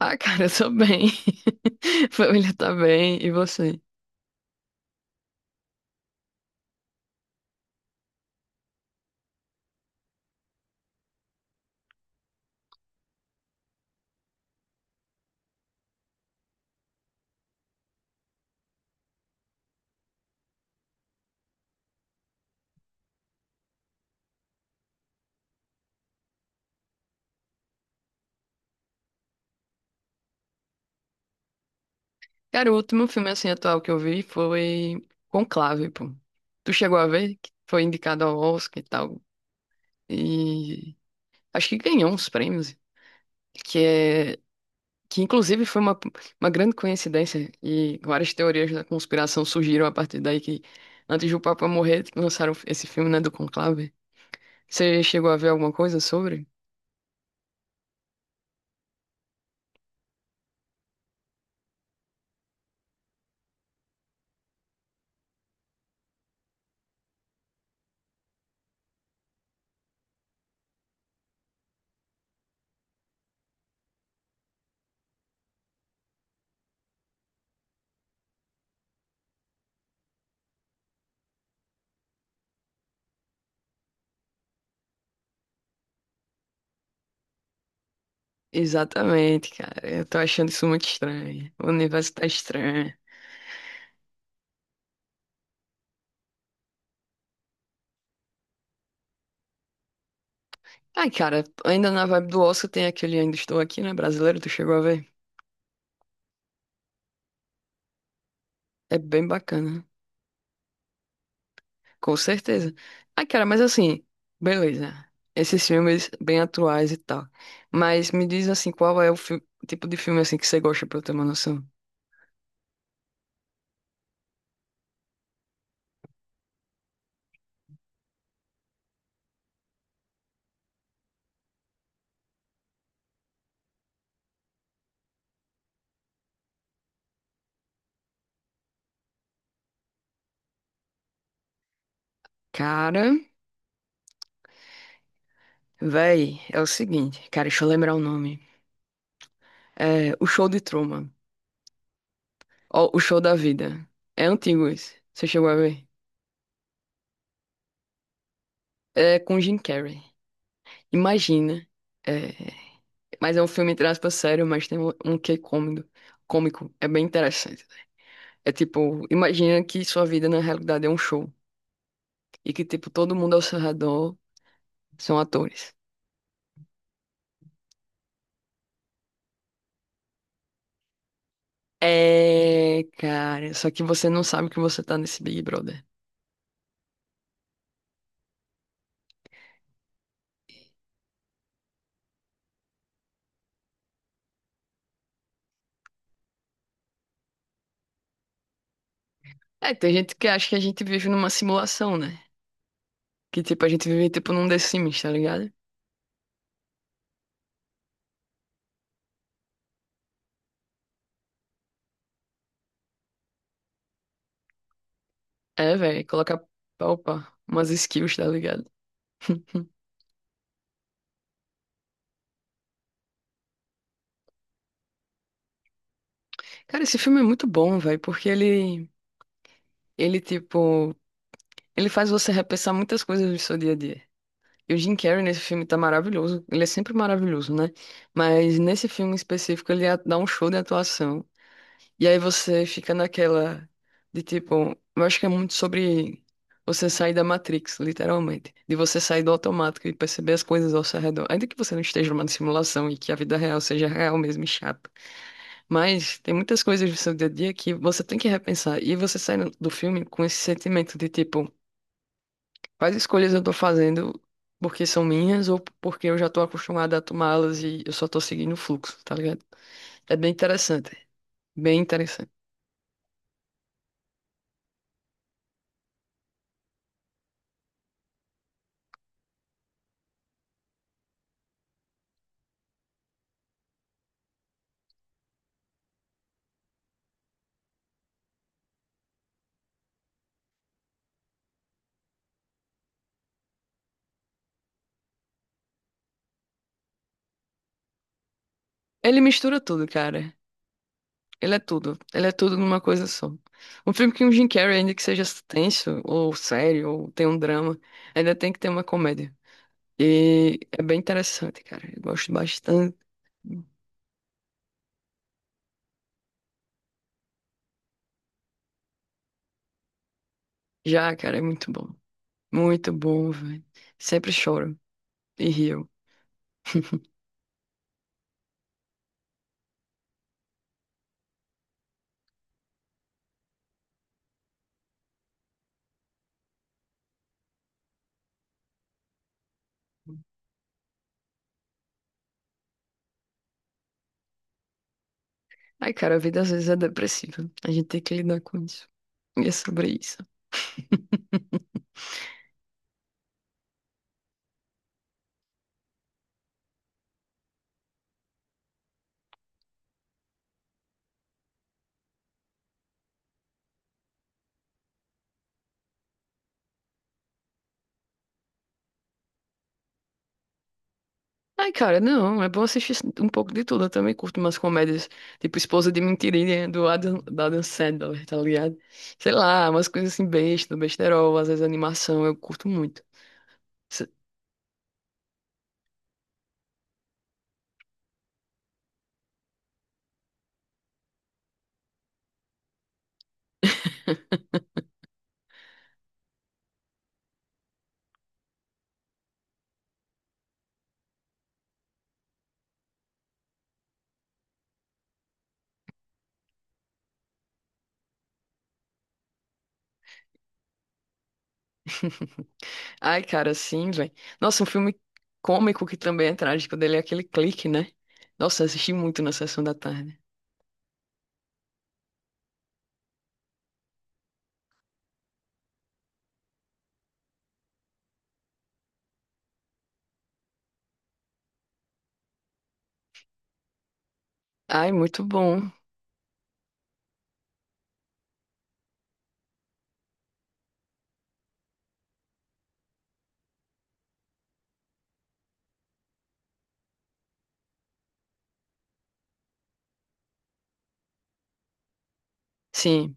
Ah, cara, eu tô bem. Família tá bem. E você? Cara, o último filme assim atual que eu vi foi Conclave, pô. Tu chegou a ver? Que foi indicado ao Oscar e tal. E acho que ganhou uns prêmios. Que é. Que inclusive foi uma grande coincidência. E várias teorias da conspiração surgiram a partir daí que antes do Papa morrer, lançaram esse filme, né, do Conclave. Você chegou a ver alguma coisa sobre? Exatamente, cara. Eu tô achando isso muito estranho. O universo tá estranho. Ai, cara, ainda na vibe do Oscar tem aquele Ainda Estou Aqui, né? Brasileiro, tu chegou a ver? É bem bacana, com certeza. Ai, cara, mas assim, beleza. Esses filmes bem atuais e tal. Mas me diz assim, qual é o fi- tipo de filme assim que você gosta pra eu ter uma noção? Cara, véi, é o seguinte, cara, deixa eu lembrar o nome. É O Show de Truman. Ó, O Show da Vida. É antigo esse. Você chegou a ver? É com Jim Carrey. Imagina. É, mas é um filme, entre aspas, sério, mas tem um quê cômico. Cômico. É bem interessante. É tipo, imagina que sua vida na realidade é um show. E que, tipo, todo mundo ao seu redor são atores. É, cara. Só que você não sabe que você tá nesse Big Brother. É, tem gente que acha que a gente vive numa simulação, né? Que, tipo, a gente vive, tipo, num The Sims, tá ligado? É, velho. Coloca, opa, umas skills, tá ligado? Cara, esse filme é muito bom, velho, porque ele. Ele, tipo, ele faz você repensar muitas coisas do seu dia a dia. E o Jim Carrey nesse filme tá maravilhoso. Ele é sempre maravilhoso, né? Mas nesse filme em específico, dá um show de atuação. E aí você fica naquela de tipo, eu acho que é muito sobre você sair da Matrix, literalmente. De você sair do automático e perceber as coisas ao seu redor. Ainda que você não esteja numa simulação e que a vida real seja real mesmo e chata. Mas tem muitas coisas do seu dia a dia que você tem que repensar. E você sai do filme com esse sentimento de tipo, quais escolhas eu tô fazendo porque são minhas ou porque eu já tô acostumada a tomá-las e eu só tô seguindo o fluxo, tá ligado? É bem interessante. Bem interessante. Ele mistura tudo, cara. Ele é tudo. Ele é tudo numa coisa só. Um filme que um Jim Carrey, ainda que seja tenso, ou sério, ou tem um drama, ainda tem que ter uma comédia. E é bem interessante, cara. Eu gosto bastante. Já, cara, é muito bom. Muito bom, velho. Sempre choro e rio. Ai, cara, a vida às vezes é depressiva. A gente tem que lidar com isso. E é sobre isso. Ai, cara, não, é bom assistir um pouco de tudo. Eu também curto umas comédias, tipo Esposa de Mentirinha, do Adam, da Adam Sandler, tá ligado? Sei lá, umas coisas assim, besta, besterol, às vezes animação, eu curto muito. Se- Ai, cara, sim, velho. Nossa, um filme cômico que também é trágico dele é aquele Clique, né? Nossa, eu assisti muito na sessão da tarde. Ai, muito bom. Sim,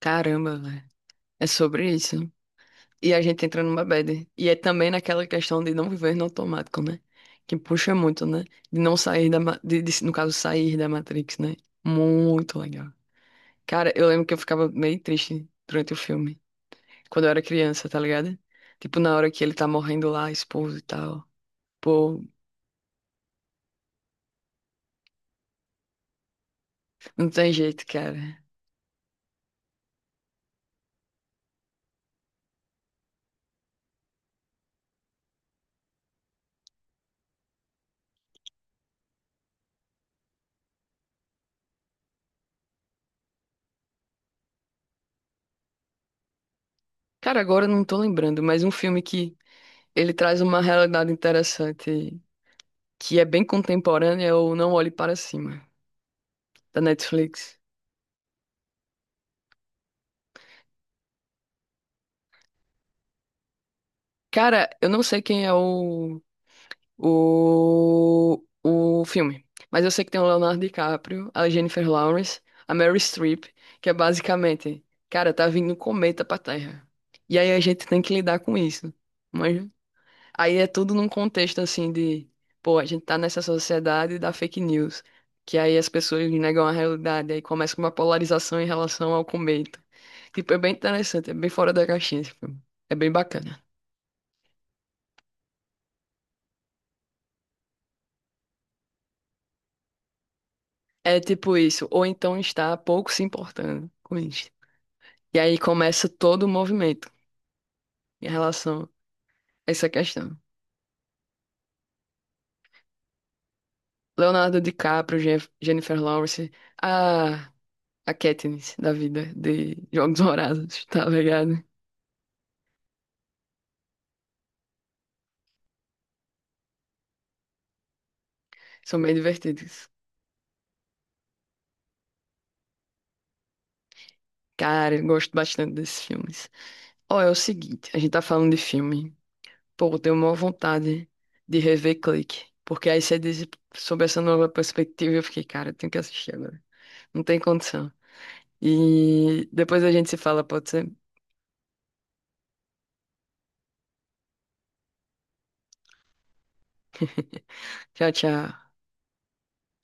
caramba, velho. É sobre isso. E a gente entra numa bad. E é também naquela questão de não viver no automático, né? Que puxa muito, né? No caso, sair da Matrix, né? Muito legal. Cara, eu lembro que eu ficava meio triste durante o filme. Quando eu era criança, tá ligado? Tipo, na hora que ele tá morrendo lá, a esposa e tal. Pô, não tem jeito, cara. Cara, agora eu não tô lembrando, mas um filme que ele traz uma realidade interessante, que é bem contemporânea, é o Não Olhe Para Cima, da Netflix. Cara, eu não sei quem é o, o filme, mas eu sei que tem o Leonardo DiCaprio, a Jennifer Lawrence, a Meryl Streep, que é basicamente, cara, tá vindo um cometa pra Terra. E aí a gente tem que lidar com isso. Mas aí é tudo num contexto assim de, pô, a gente tá nessa sociedade da fake news, que aí as pessoas negam a realidade, aí começa uma polarização em relação ao cometa. Tipo, é bem interessante, é bem fora da caixinha esse filme. É bem bacana. É tipo isso, ou então está pouco se importando com isso. E aí começa todo o movimento em relação a essa questão. Leonardo DiCaprio, Jennifer Lawrence, a, a Katniss da vida de Jogos Vorazes, tá ligado? São bem divertidos. Cara, eu gosto bastante desses filmes. Ó, é o seguinte, a gente tá falando de filme. Pô, eu tenho uma vontade de rever Clique. Porque aí você diz sobre essa nova perspectiva, eu fiquei, cara, eu tenho que assistir agora. Não tem condição. E depois a gente se fala, pode ser? Tchau, tchau.